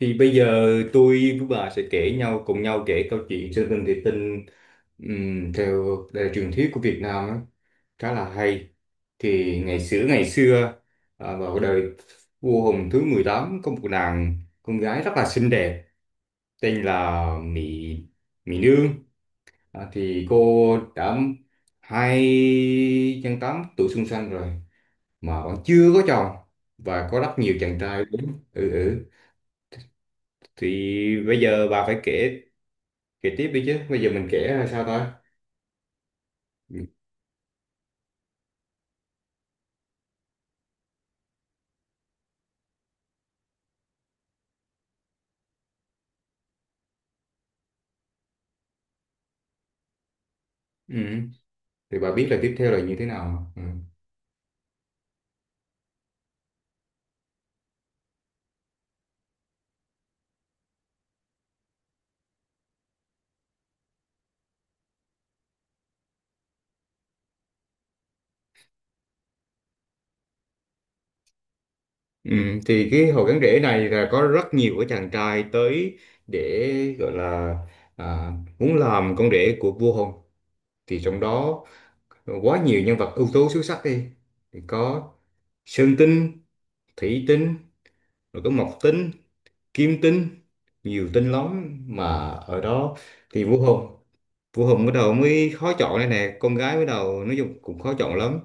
Thì bây giờ tôi với bà sẽ kể nhau cùng nhau kể câu chuyện Sơn Tinh Thủy Tinh, theo đời truyền thuyết của Việt Nam á, khá là hay. Thì vào đời vua Hùng thứ 18 có một nàng con gái rất là xinh đẹp, tên là Mỹ Mỹ Nương. Thì cô đã 208 tuổi xuân xanh rồi mà vẫn chưa có chồng, và có rất nhiều chàng trai đúng, ừ. Thì bây giờ bà phải kể kể tiếp đi chứ, bây giờ mình kể là sao ta? Ừ. Ừ. Thì bà biết là tiếp theo là như thế nào? Ừ. Ừ. Thì cái hồ gắn rễ này là có rất nhiều cái chàng trai tới để gọi là, à, muốn làm con rể của vua Hùng. Thì trong đó quá nhiều nhân vật ưu tú xuất sắc đi, thì có Sơn Tinh, Thủy Tinh, rồi có Mộc Tinh, Kim Tinh, nhiều tinh lắm mà ở đó. Thì vua Hùng bắt đầu mới khó chọn đây nè, con gái bắt đầu nói chung cũng khó chọn lắm.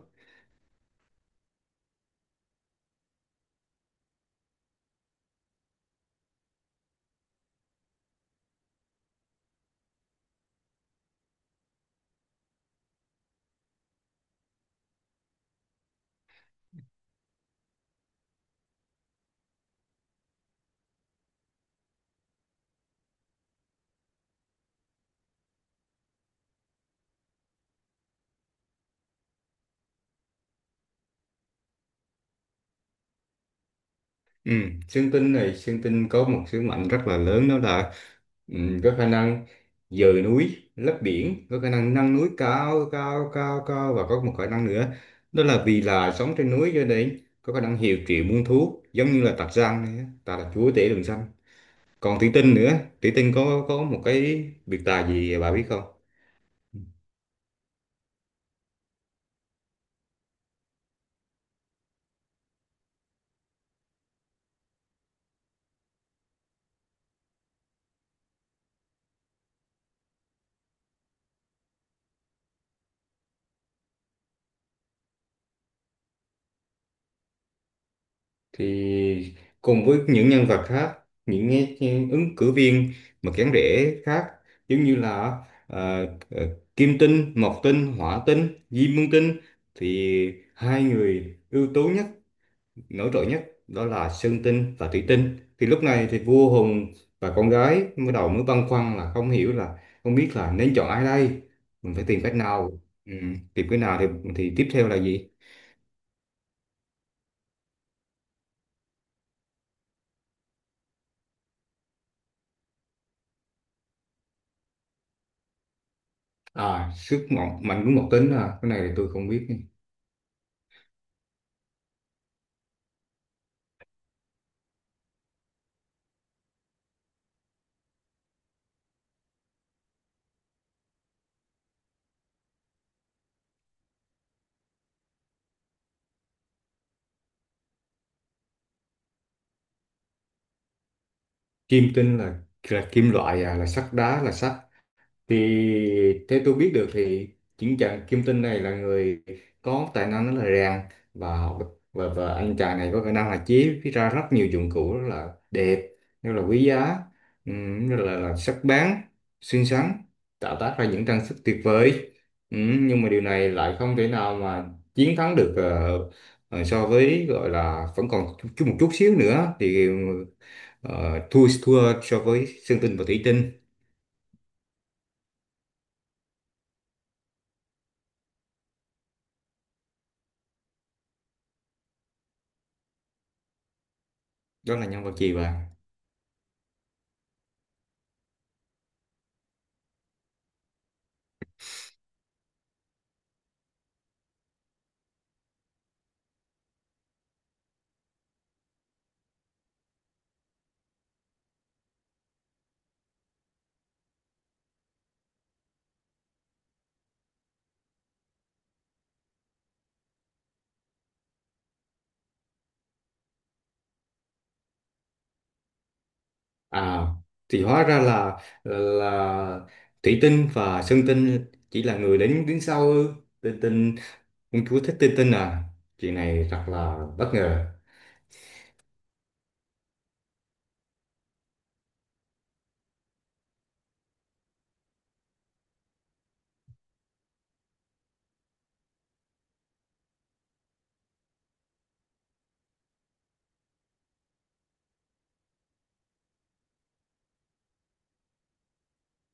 Ừ, Sơn Tinh này, Sơn Tinh có một sứ mệnh rất là lớn, đó là, ừ, có khả năng dời núi, lấp biển, có khả năng nâng núi cao, cao, cao, cao, và có một khả năng nữa, đó là vì là sống trên núi cho nên có khả năng hiệu triệu muôn thú, giống như là Tạc Giang này, á, ta là chúa tể rừng xanh. Còn Thủy Tinh nữa, Thủy Tinh có một cái biệt tài gì bà biết không? Thì cùng với những nhân vật khác, những cái ứng cử viên mà kén rể khác, giống như là, ờ, ờ, Kim Tinh, Mộc Tinh, Hỏa Tinh, Diêm Vương Tinh. Thì hai người ưu tú nhất, nổi trội nhất đó là Sơn Tinh và Thủy Tinh. Thì lúc này thì vua Hùng và con gái mới đầu mới băn khoăn là không hiểu là không biết là nên chọn ai đây, mình phải tìm cách nào, ừ, tìm cái nào thì tiếp theo là gì? À, sức mạnh mạnh của Mộc Tinh à, cái này thì tôi không biết. Kim Tinh là kim loại à, là sắt đá, là sắt. Thì theo tôi biết được thì chính chàng Kim Tinh này là người có tài năng rất là rèn và học, và anh chàng này có khả năng là chế ra rất nhiều dụng cụ rất là đẹp, rất là quý giá, rất là sắc bén, xinh xắn, tạo tác ra những trang sức tuyệt vời. Nhưng mà điều này lại không thể nào mà chiến thắng được, so với gọi là vẫn còn chút một chút xíu nữa thì, thua thua so với Sơn Tinh và Thủy Tinh. Đó là nhân vật gì vậy? À, thì hóa ra là Thủy Tinh và Sơn Tinh chỉ là người đến đứng sau ư? Tinh Tinh, công chúa thích Tinh Tinh à? Chuyện này thật là bất ngờ.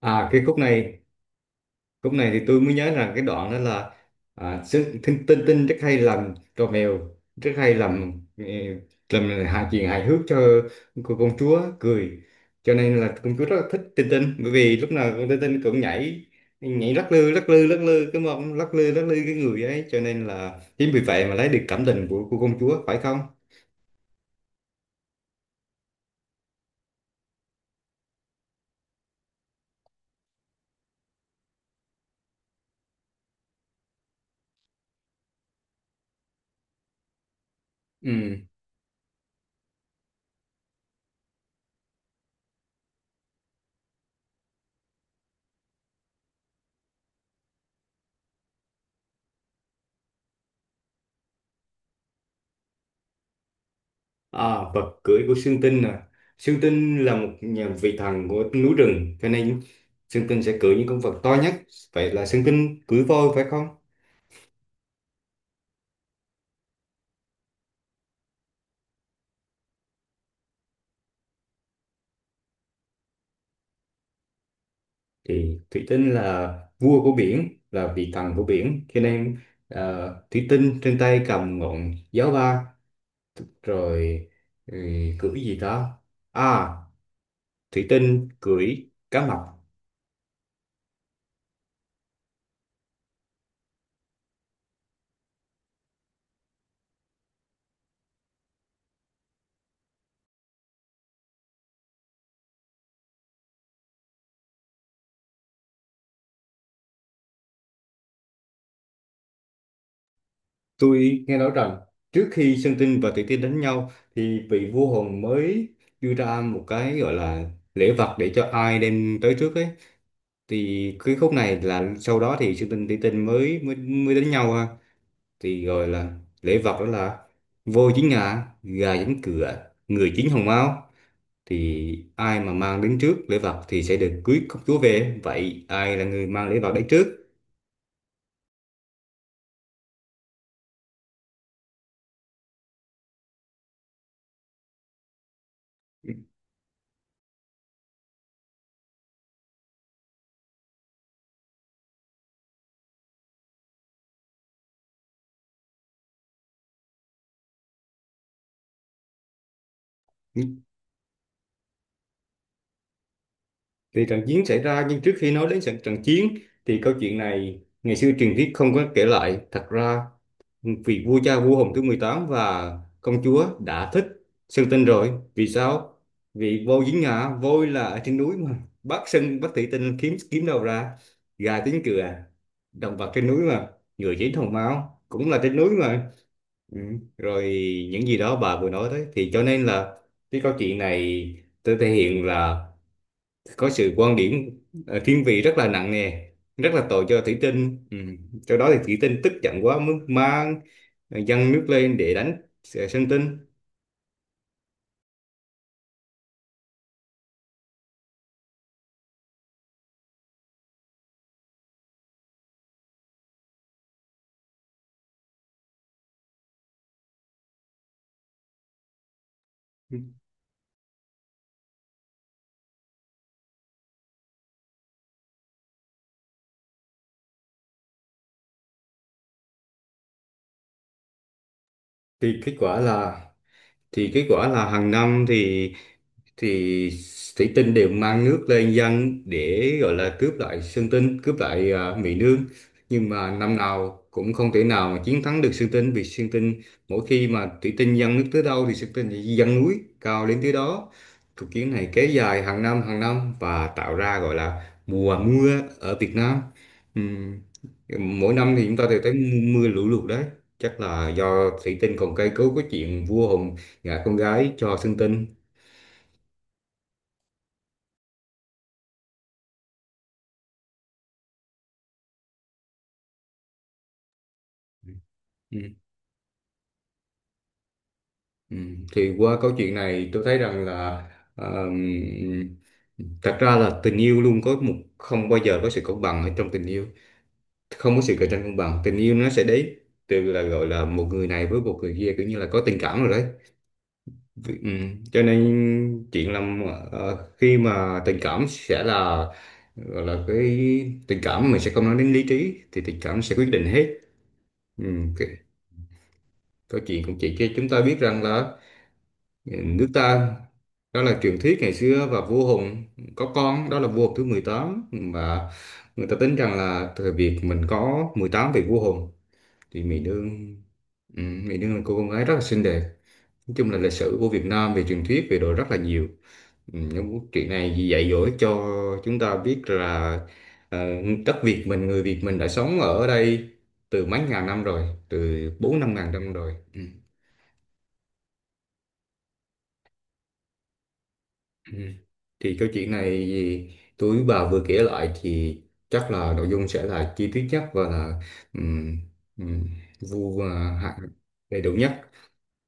À, cái khúc này, lúc này thì tôi mới nhớ rằng cái đoạn đó là, tinh tinh rất hay làm trò mèo, rất hay làm, làm hài, chuyện hài hước cho cô công chúa cười, cho nên là công chúa rất là thích tinh tinh, bởi vì lúc nào con tinh tinh cũng nhảy nhảy lắc lư lắc lư lắc lư cái mông, lắc lư cái người ấy, cho nên là chính vì vậy mà lấy được cảm tình của cô công chúa phải không? Ừ. À, vật cưỡi của Sương Tinh à. Sương Tinh là một nhà vị thần của núi rừng, cho nên Sương Tinh sẽ cưỡi những con vật to nhất. Vậy là Sương Tinh cưỡi voi phải không? Thì Thủy Tinh là vua của biển, là vị thần của biển, cho nên, Thủy Tinh trên tay cầm ngọn giáo ba, rồi, ừ, cưỡi gì đó. À, Thủy Tinh cưỡi cá mập. Tôi nghe nói rằng trước khi Sơn Tinh và Thủy Tiên đánh nhau thì vị vua hồn mới đưa ra một cái gọi là lễ vật để cho ai đem tới trước ấy. Thì cái khúc này là sau đó thì Sơn Tinh Thủy Tiên mới mới mới đánh nhau ha. Thì gọi là lễ vật đó là voi chín ngà, gà chín cựa, người chín hồng mao. Thì ai mà mang đến trước lễ vật thì sẽ được cưới công chúa về. Vậy ai là người mang lễ vật đến trước? Thì trận chiến xảy ra, nhưng trước khi nói đến trận trận chiến thì câu chuyện này ngày xưa truyền thuyết không có kể lại. Thật ra vì vua cha vua Hùng thứ mười tám và công chúa đã thích Sơn Tinh rồi. Vì sao? Vì voi dính ngã, voi là ở trên núi mà. Bác Sơn, bác Thủy Tinh kiếm kiếm đâu ra gà tiếng cựa, động vật trên núi mà. Người chín hồng máu cũng là trên núi mà. Ừ. Rồi những gì đó bà vừa nói đấy, thì cho nên là cái câu chuyện này tôi thể hiện là có sự quan điểm, thiên vị rất là nặng nề, rất là tội cho Thủy Tinh. Ừ. Sau đó thì Thủy Tinh tức giận quá mới mang, dâng nước lên để đánh, Sơn Tinh. Thì kết quả là, thì kết quả là hàng năm thì Thủy Tinh đều mang nước lên dân để gọi là cướp lại Sơn Tinh, cướp lại, Mỹ Nương. Nhưng mà năm nào cũng không thể nào mà chiến thắng được Sơn Tinh, vì Sơn Tinh mỗi khi mà Thủy Tinh dâng nước tới đâu thì Sơn Tinh sẽ dâng núi cao đến tới đó. Cuộc chiến này kéo dài hàng năm và tạo ra gọi là mùa mưa ở Việt Nam. Ừm, Mỗi năm thì chúng ta đều thấy mưa, mưa lũ lụt đấy. Chắc là do Thủy Tinh còn cây cấu cái chuyện vua Hùng gả con gái cho Sơn Tinh. Ừ. Ừ, thì qua câu chuyện này tôi thấy rằng là, um, thật ra là tình yêu luôn có một không bao giờ có sự công bằng ở trong tình yêu, không có sự cạnh tranh công bằng, tình yêu nó sẽ đến từ là gọi là một người này với một người kia, kiểu như là có tình cảm rồi đấy. Ừ. Cho nên chuyện là, khi mà tình cảm sẽ là gọi là cái tình cảm, mình sẽ không nói đến lý trí, thì tình cảm sẽ quyết định hết. Ừ. cái- Câu chuyện cũng chỉ cho chúng ta biết rằng là, dạ, nước ta đó là truyền thuyết ngày xưa, và vua Hùng có con đó là vua Hùng thứ mười tám, và người ta tính rằng là thời Việt mình có 18 vị vua Hùng. Thì Mỹ Nương, Mỹ Nương là cô con gái rất là xinh đẹp. Nói chung là lịch sử của Việt Nam về truyền thuyết về đồ rất là nhiều. Ừ, những chuyện này dạy dỗ cho chúng ta biết là, ờ, đất Việt mình, người Việt mình đã sống ở đây từ mấy ngàn năm rồi, từ bốn năm ngàn năm rồi. Ừ. Ừ. Thì câu chuyện này gì tôi bà vừa kể lại thì chắc là nội dung sẽ là chi tiết nhất và là, um, um, vu và hạ đầy đủ nhất,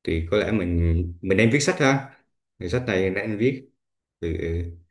thì có lẽ mình đang viết sách ha. Thì sách này đang viết. Ừ.